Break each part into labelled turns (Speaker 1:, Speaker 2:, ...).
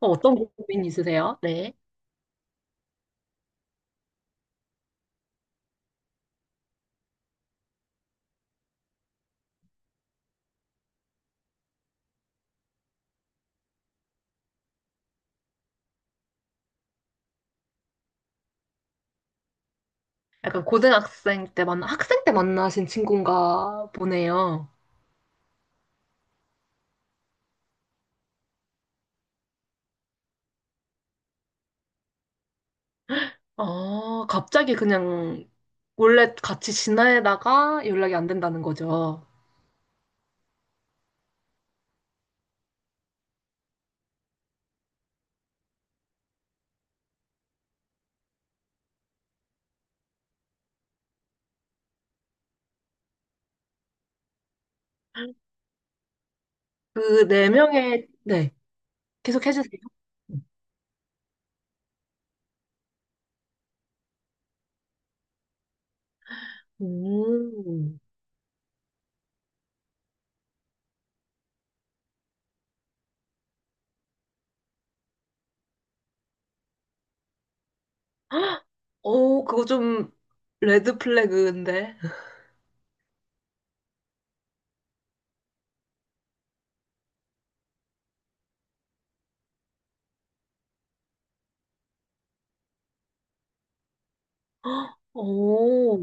Speaker 1: 어떤 고민 있으세요? 네. 약간 고등학생 때 학생 때 만나신 친구인가 보네요. 아, 갑자기 그냥 원래 같이 지내다가 연락이 안 된다는 거죠. 그 네 명의, 네. 계속 해주세요. 음. 오, 그거 좀 레드 플래그인데. 오.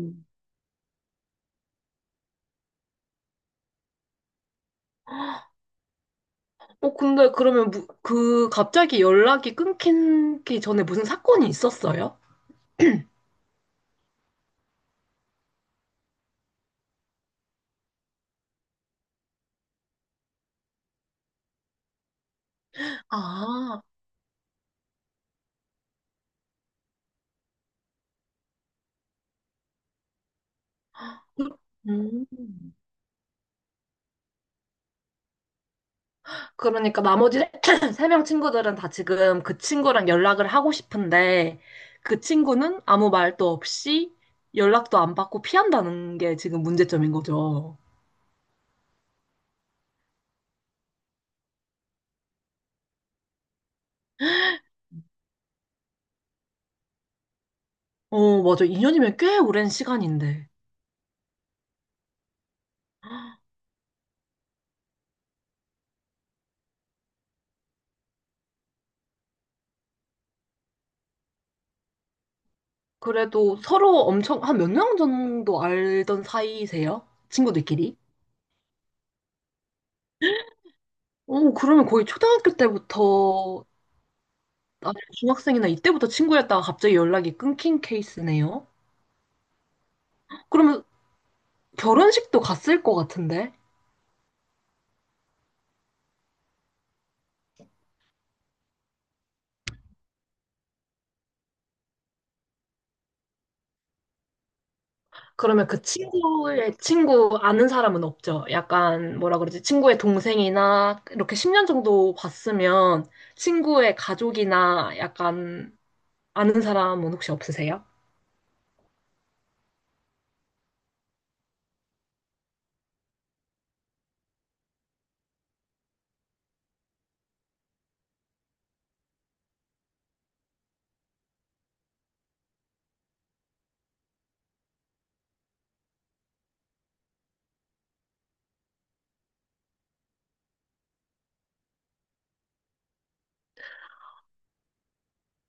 Speaker 1: 근데 그러면 그 갑자기 연락이 끊기기 전에 무슨 사건이 있었어요? 아, 음. 그러니까 나머지 세 명 친구들은 다 지금 그 친구랑 연락을 하고 싶은데 그 친구는 아무 말도 없이 연락도 안 받고 피한다는 게 지금 문제점인 거죠. 어, 맞아. 2년이면 꽤 오랜 시간인데. 그래도 서로 엄청 한 몇 년 정도 알던 사이세요? 친구들끼리? 그러면 거의 초등학교 때부터 아니면 중학생이나 이때부터 친구였다가 갑자기 연락이 끊긴 케이스네요. 그러면 결혼식도 갔을 것 같은데? 그러면 그 친구의 친구 아는 사람은 없죠. 약간 뭐라 그러지? 친구의 동생이나 이렇게 10년 정도 봤으면 친구의 가족이나 약간 아는 사람은 혹시 없으세요?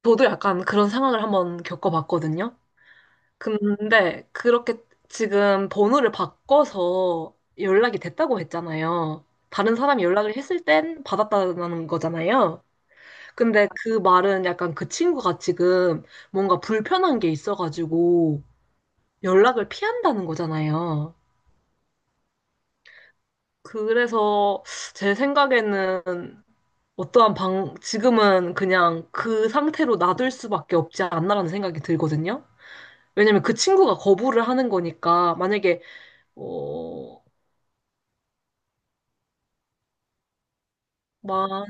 Speaker 1: 저도 약간 그런 상황을 한번 겪어봤거든요. 근데 그렇게 지금 번호를 바꿔서 연락이 됐다고 했잖아요. 다른 사람이 연락을 했을 땐 받았다는 거잖아요. 근데 그 말은 약간 그 친구가 지금 뭔가 불편한 게 있어가지고 연락을 피한다는 거잖아요. 그래서 제 생각에는 지금은 그냥 그 상태로 놔둘 수밖에 없지 않나라는 생각이 들거든요. 왜냐면 그 친구가 거부를 하는 거니까, 만약에, 어, 만,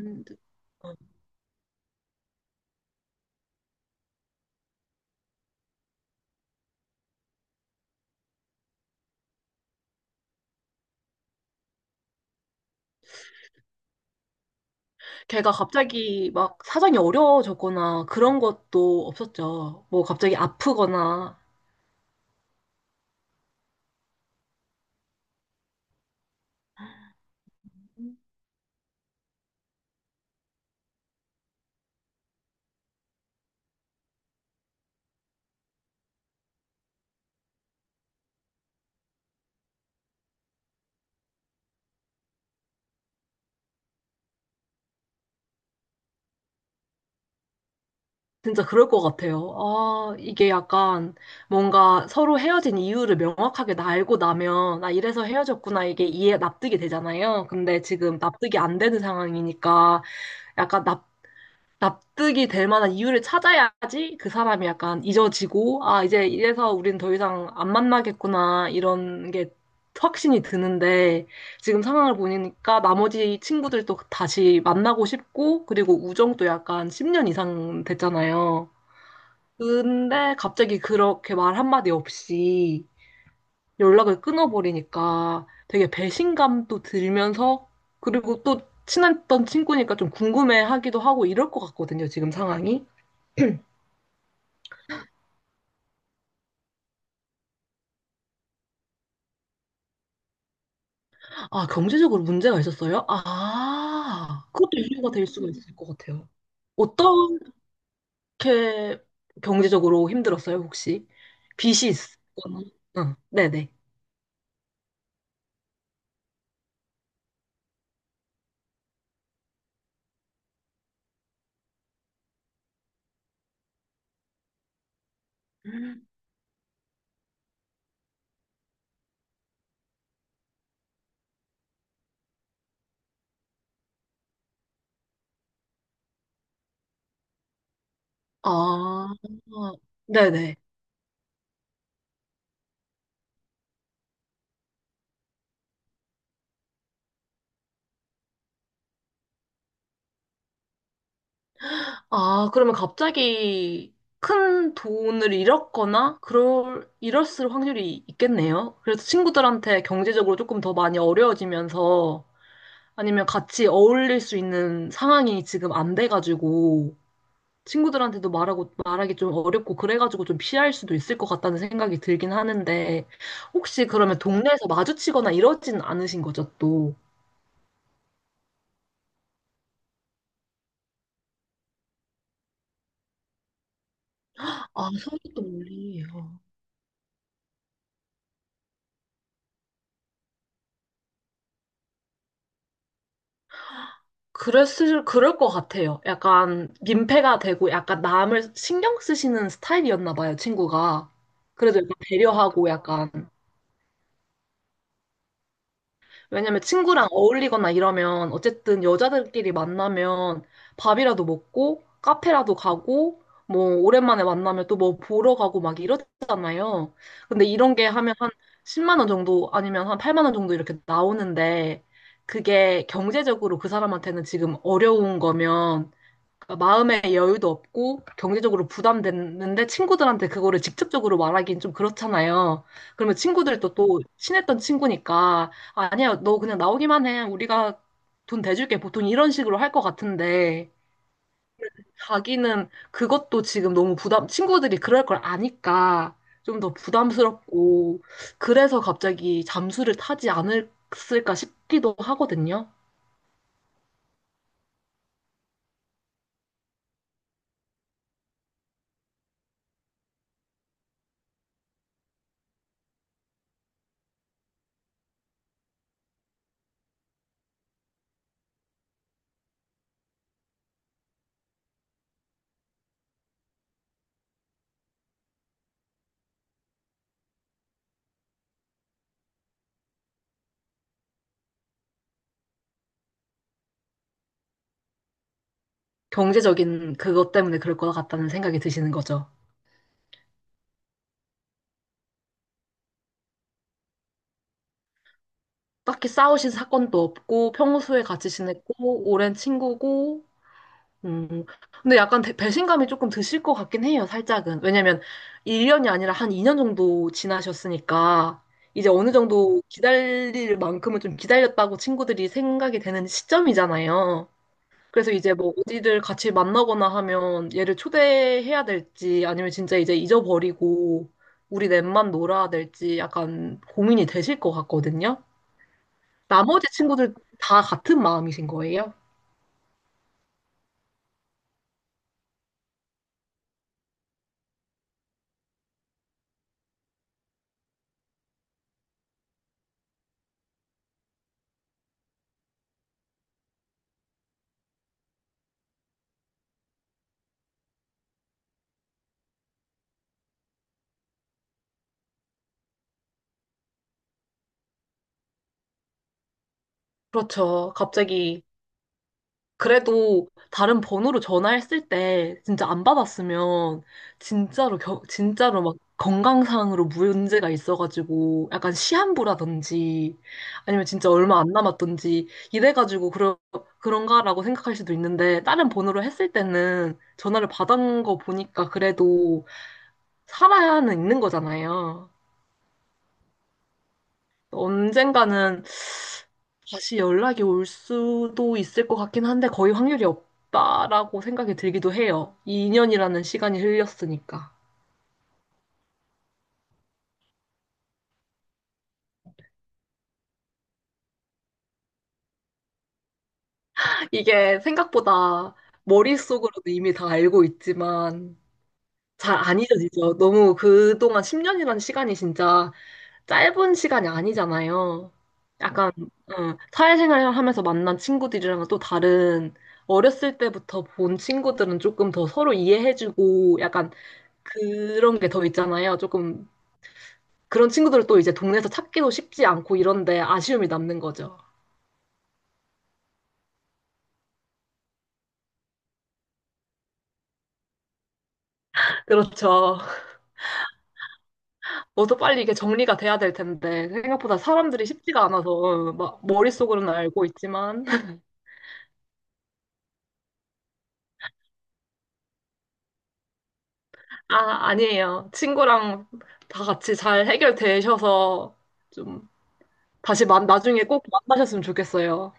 Speaker 1: 걔가 갑자기 막 사정이 어려워졌거나 그런 것도 없었죠. 뭐 갑자기 아프거나 진짜 그럴 것 같아요. 아, 이게 약간 뭔가 서로 헤어진 이유를 명확하게 나 알고 나면, 아, 이래서 헤어졌구나, 이게 이해, 납득이 되잖아요. 근데 지금 납득이 안 되는 상황이니까 약간 납, 납득이 될 만한 이유를 찾아야지 그 사람이 약간 잊어지고, 아, 이제 이래서 우린 더 이상 안 만나겠구나, 이런 게 확신이 드는데, 지금 상황을 보니까 나머지 친구들도 다시 만나고 싶고, 그리고 우정도 약간 10년 이상 됐잖아요. 근데 갑자기 그렇게 말 한마디 없이 연락을 끊어버리니까 되게 배신감도 들면서 그리고 또 친했던 친구니까 좀 궁금해하기도 하고 이럴 것 같거든요, 지금 상황이. 아, 경제적으로 문제가 있었어요? 아, 그것도 이유가 될 수가 있을 것 같아요. 어떻게 경제적으로 힘들었어요, 혹시? 빚이 있거나? 응, 네네. 아, 네네. 아, 그러면 갑자기 큰 돈을 잃었거나, 그럴, 잃었을 확률이 있겠네요. 그래서 친구들한테 경제적으로 조금 더 많이 어려워지면서, 아니면 같이 어울릴 수 있는 상황이 지금 안 돼가지고, 친구들한테도 말하고, 말하기 좀 어렵고, 그래가지고 좀 피할 수도 있을 것 같다는 생각이 들긴 하는데, 혹시 그러면 동네에서 마주치거나 이러진 않으신 거죠, 또? 아, 서울도또 멀리. 그랬을, 그럴 것 같아요. 약간 민폐가 되고 약간 남을 신경 쓰시는 스타일이었나 봐요, 친구가. 그래도 약간 배려하고 약간. 왜냐면 친구랑 어울리거나 이러면 어쨌든 여자들끼리 만나면 밥이라도 먹고 카페라도 가고 뭐 오랜만에 만나면 또 뭐 보러 가고 막 이러잖아요. 근데 이런 게 하면 한 10만 원 정도 아니면 한 8만 원 정도 이렇게 나오는데 그게 경제적으로 그 사람한테는 지금 어려운 거면 그러니까 마음의 여유도 없고 경제적으로 부담됐는데 친구들한테 그거를 직접적으로 말하기는 좀 그렇잖아요. 그러면 친구들도 또 친했던 친구니까 아니야, 너 그냥 나오기만 해. 우리가 돈 대줄게. 보통 이런 식으로 할 것 같은데 자기는 그것도 지금 너무 부담, 친구들이 그럴 걸 아니까 좀 더 부담스럽고 그래서 갑자기 잠수를 타지 않았을까 싶기도 하거든요. 경제적인 그것 때문에 그럴 것 같다는 생각이 드시는 거죠. 딱히 싸우신 사건도 없고 평소에 같이 지냈고 오랜 친구고. 음. 근데 약간 배신감이 조금 드실 것 같긴 해요, 살짝은. 왜냐면 1년이 아니라 한 2년 정도 지나셨으니까 이제 어느 정도 기다릴 만큼은 좀 기다렸다고 친구들이 생각이 되는 시점이잖아요. 그래서 이제 뭐 어디를 같이 만나거나 하면 얘를 초대해야 될지 아니면 진짜 이제 잊어버리고 우리 넷만 놀아야 될지 약간 고민이 되실 것 같거든요. 나머지 친구들 다 같은 마음이신 거예요? 그렇죠. 갑자기 그래도 다른 번호로 전화했을 때 진짜 안 받았으면 진짜로 막 건강상으로 문제가 있어가지고 약간 시한부라든지 아니면 진짜 얼마 안 남았던지 그런가라고 생각할 수도 있는데 다른 번호로 했을 때는 전화를 받은 거 보니까 그래도 살아야는 있는 거잖아요. 언젠가는 다시 연락이 올 수도 있을 것 같긴 한데 거의 확률이 없다라고 생각이 들기도 해요. 2년이라는 시간이 흘렸으니까. 이게 생각보다 머릿속으로도 이미 다 알고 있지만 잘 안 잊어지죠. 너무 그동안 10년이라는 시간이 진짜 짧은 시간이 아니잖아요. 약간 사회생활을 하면서 만난 친구들이랑은 또 다른 어렸을 때부터 본 친구들은 조금 더 서로 이해해주고 약간 그런 게 더 있잖아요. 조금 그런 친구들을 또 이제 동네에서 찾기도 쉽지 않고 이런데 아쉬움이 남는 거죠. 그렇죠. 뭐도 빨리 이게 정리가 돼야 될 텐데 생각보다 사람들이 쉽지가 않아서 막 머릿속으로는 알고 있지만 아, 아니에요. 친구랑 다 같이 잘 해결되셔서 좀 나중에 꼭 만나셨으면 좋겠어요.